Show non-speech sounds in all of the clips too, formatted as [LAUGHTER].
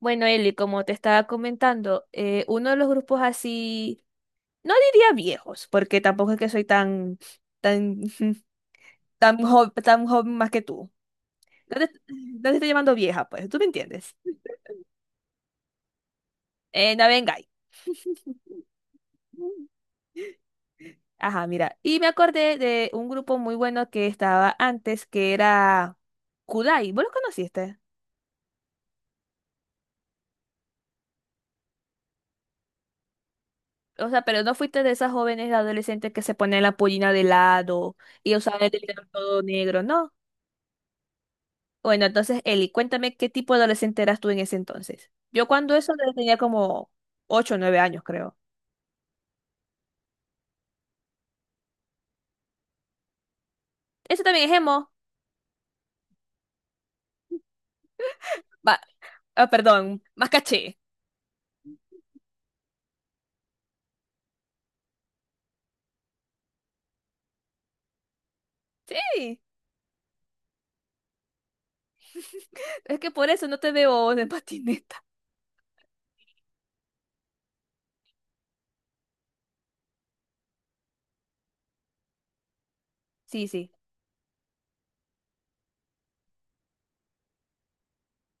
Bueno, Eli, como te estaba comentando, uno de los grupos así, no diría viejos, porque tampoco es que soy tan, [LAUGHS] tan joven más que tú. No te estoy llamando vieja, pues, tú me entiendes. Navengai. [LAUGHS] Ajá, mira. Y me acordé de un grupo muy bueno que estaba antes, que era Kudai. ¿Vos lo conociste? O sea, pero no fuiste de esas jóvenes adolescentes que se ponen la pollina de lado y usaban el dinero todo negro, ¿no? Bueno, entonces, Eli, cuéntame qué tipo de adolescente eras tú en ese entonces. Yo cuando eso le tenía como 8 o 9 años, creo. Eso también es emo. Va, ah, perdón, más caché. Sí, [LAUGHS] es que por eso no te veo de patineta. Sí, sí.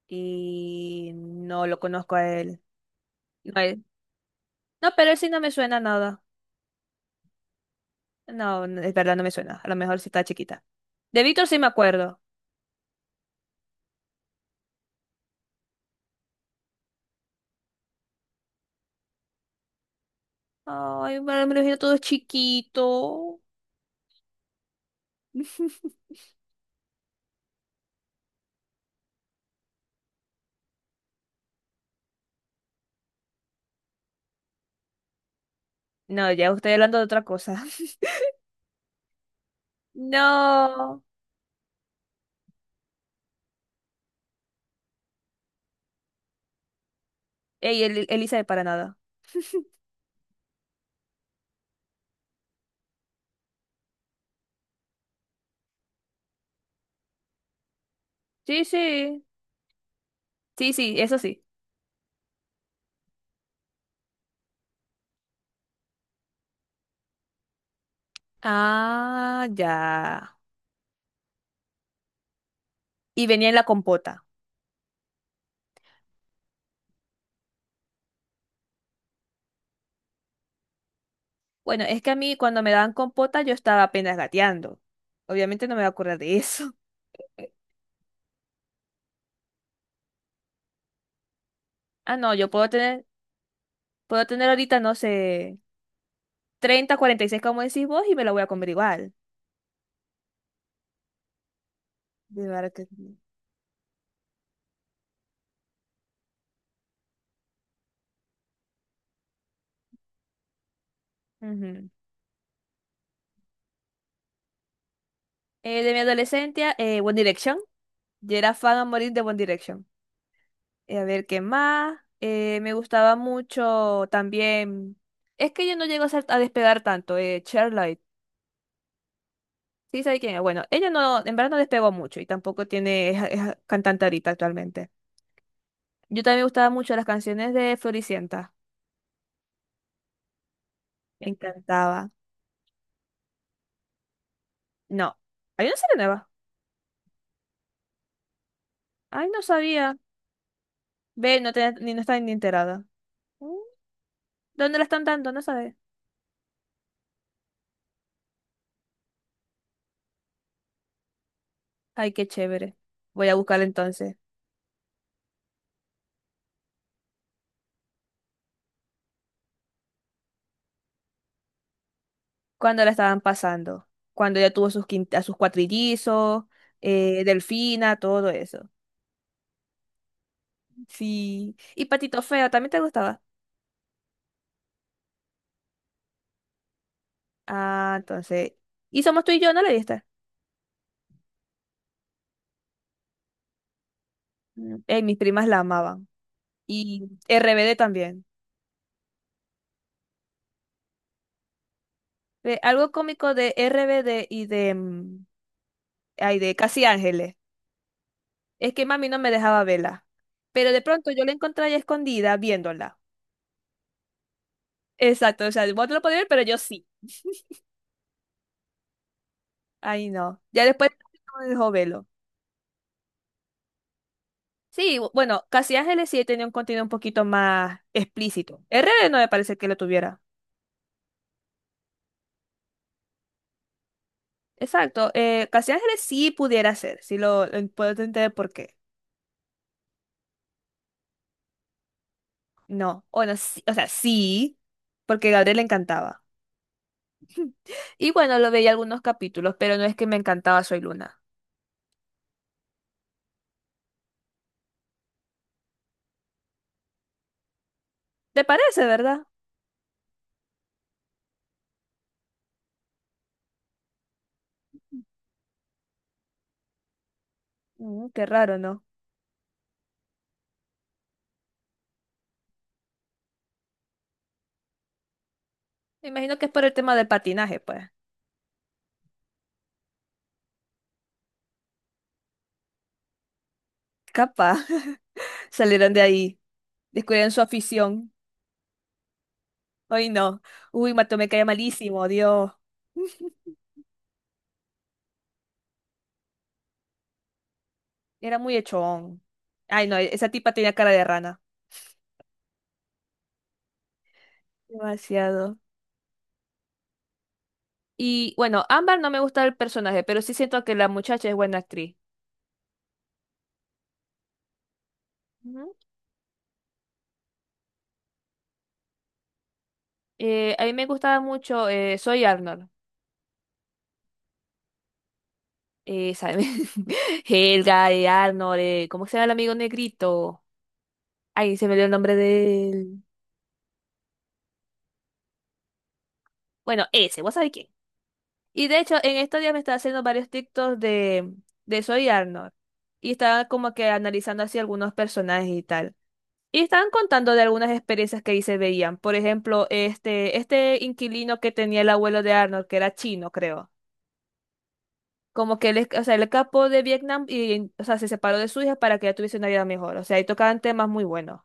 Y no lo conozco a él. No, no, pero él sí no me suena nada. No, no, es verdad, no me suena. A lo mejor sí está chiquita. De Víctor sí me acuerdo. Ay, me lo imagino todo chiquito. [LAUGHS] No, ya estoy hablando de otra cosa. No. Ey, Elisa de para nada. Sí, sí. Sí, sí, eso sí. Ah, ya. Y venía en la compota. Bueno, es que a mí cuando me daban compota yo estaba apenas gateando. Obviamente no me voy a acordar de eso. [LAUGHS] Ah, no, yo puedo tener ahorita, no sé, 30, 46, como decís vos y me la voy a comer igual. De verdad que sí. Ujú. De mi adolescencia, One Direction. Yo era fan a morir de One Direction. A ver, ¿qué más? Me gustaba mucho también. Es que yo no llego a, a despegar tanto. Charlotte. ¿Sí sabe quién es? Bueno, ella no, en verdad no despegó mucho y tampoco tiene, es cantante ahorita actualmente. Yo también me gustaban mucho las canciones de Floricienta. Me encantaba. No. ¿Hay una serie nueva? Ay, no sabía. Ve, no te, ni no está ni enterada. Mm, ¿Dónde la están dando? No sabes. Ay, qué chévere. Voy a buscarla entonces. Cuando la estaban pasando, cuando ella tuvo sus a sus cuatrillizos, Delfina, todo eso. Sí. Y Patito Feo, ¿también te gustaba? Ah, entonces. Y Somos tú y yo, ¿no la viste? Mm. Mis primas la amaban. Y RBD también. Ve, algo cómico de RBD y de Casi Ángeles. Es que mami no me dejaba verla. Pero de pronto yo la encontré ahí escondida viéndola. Exacto, o sea, vos no lo podías ver, pero yo sí. Ay, no. Ya después [LAUGHS] no me dejó verlo. Sí, bueno, Casi Ángeles sí tenía un contenido un poquito más explícito. RD no me parece que lo tuviera. Exacto, Casi Ángeles sí pudiera ser, sí lo puedo entender por qué. No, bueno, o sea, sí, porque Gabriel le encantaba. Y bueno, lo veía algunos capítulos, pero no es que me encantaba Soy Luna. ¿Te parece, verdad? Qué raro, ¿no? Me imagino que es por el tema del patinaje, pues. Capaz, [LAUGHS] salieron de ahí, descubrieron su afición. Ay, no. Uy, Mato me caía malísimo, Dios. [LAUGHS] Era muy echón. Ay, no, esa tipa tenía cara de rana. Demasiado. Y bueno, Ámbar no me gusta el personaje, pero sí siento que la muchacha es buena actriz. Ujú. A mí me gustaba mucho Soy Arnold. ¿Sabe? [LAUGHS] Helga, Arnold, ¿cómo se llama el amigo negrito? Ay, se me dio el nombre de él. Bueno, ese, ¿vos sabés quién? Y de hecho, en estos días me estaba haciendo varios TikToks de Soy Arnold. Y estaba como que analizando así algunos personajes y tal. Y estaban contando de algunas experiencias que ahí se veían. Por ejemplo, este inquilino que tenía el abuelo de Arnold, que era chino, creo. Como que él, o sea, él escapó de Vietnam y, o sea, se separó de su hija para que ella tuviese una vida mejor. O sea, ahí tocaban temas muy buenos.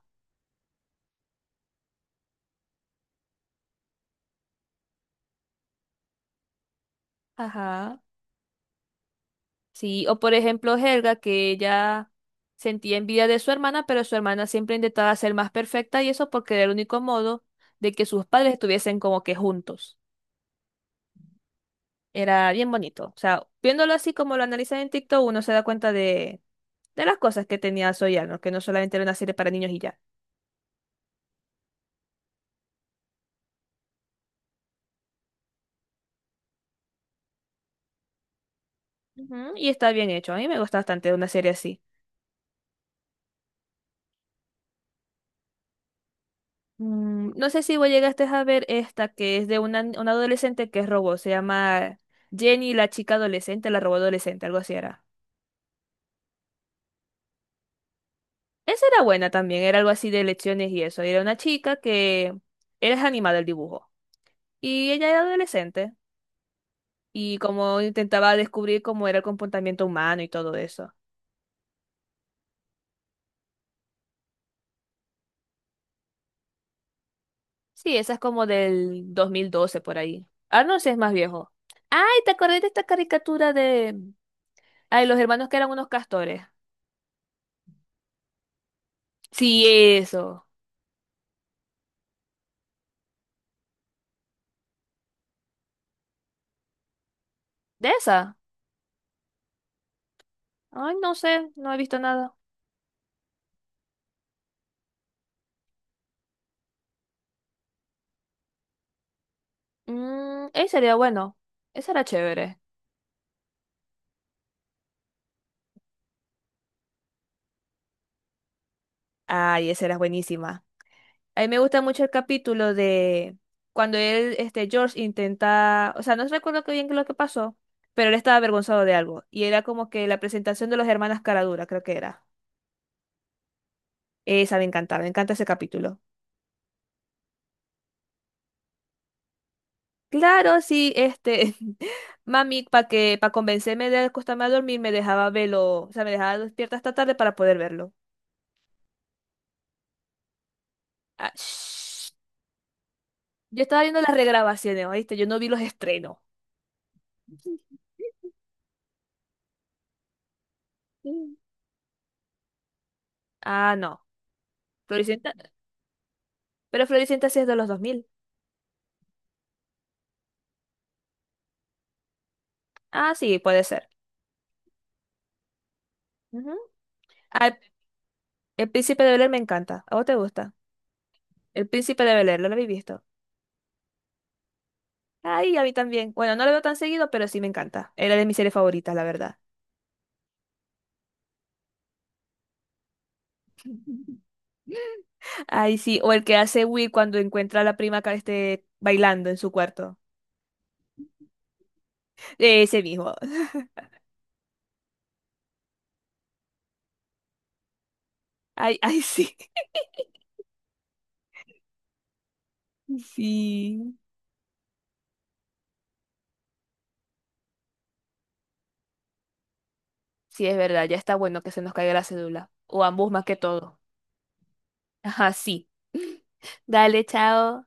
Ajá. Sí, o por ejemplo, Helga, que ella sentía envidia de su hermana, pero su hermana siempre intentaba ser más perfecta y eso porque era el único modo de que sus padres estuviesen como que juntos. Era bien bonito. O sea, viéndolo así como lo analizan en TikTok, uno se da cuenta de las cosas que tenía Soyano, que no solamente era una serie para niños y ya. Ujú, y está bien hecho, a mí me gusta bastante una serie así. No sé si vos llegaste a ver esta que es de una adolescente que es robot, se llama Jenny la chica adolescente, la robot adolescente, algo así era. Esa era buena también, era algo así de lecciones y eso. Era una chica que era animada el dibujo y ella era adolescente y como intentaba descubrir cómo era el comportamiento humano y todo eso. Sí, esa es como del 2012 por ahí. Arnold sí es más viejo. Ay, ¿te acordás de esta caricatura de... Ay, los hermanos que eran unos castores. Sí, eso. ¿De esa? Ay, no sé, no he visto nada. Mmm, ese sería bueno. Esa era chévere. Ay, esa era buenísima. A mí me gusta mucho el capítulo de cuando él, este, George intenta, o sea, no recuerdo qué bien lo que pasó, pero él estaba avergonzado de algo. Y era como que la presentación de los hermanas Caradura, creo que era. Esa me encanta ese capítulo. Claro, sí, este, [LAUGHS] mami, para que, para convencerme de acostarme a dormir, me dejaba verlo, o sea, me dejaba despierta hasta tarde para poder verlo. Ah, shh. Yo estaba viendo las regrabaciones, ¿oíste? Yo no vi los estrenos. [LAUGHS] Ah, no. Floricienta, pero Floricienta sí es de los 2000. Ah, sí, puede ser. Ujú. Ah, el Príncipe de Bel-Air me encanta. ¿A vos te gusta? El Príncipe de Bel-Air, ¿lo habéis visto? Ay, a mí también. Bueno, no lo veo tan seguido, pero sí me encanta. Era de mis series favoritas, la verdad. [LAUGHS] Ay, sí, o el que hace Will cuando encuentra a la prima que esté bailando en su cuarto. Ese mismo. [LAUGHS] Ay, ay, sí. Sí. Sí, es verdad, ya está bueno que se nos caiga la cédula. O ambos más que todo. Ajá, sí. [LAUGHS] Dale, chao.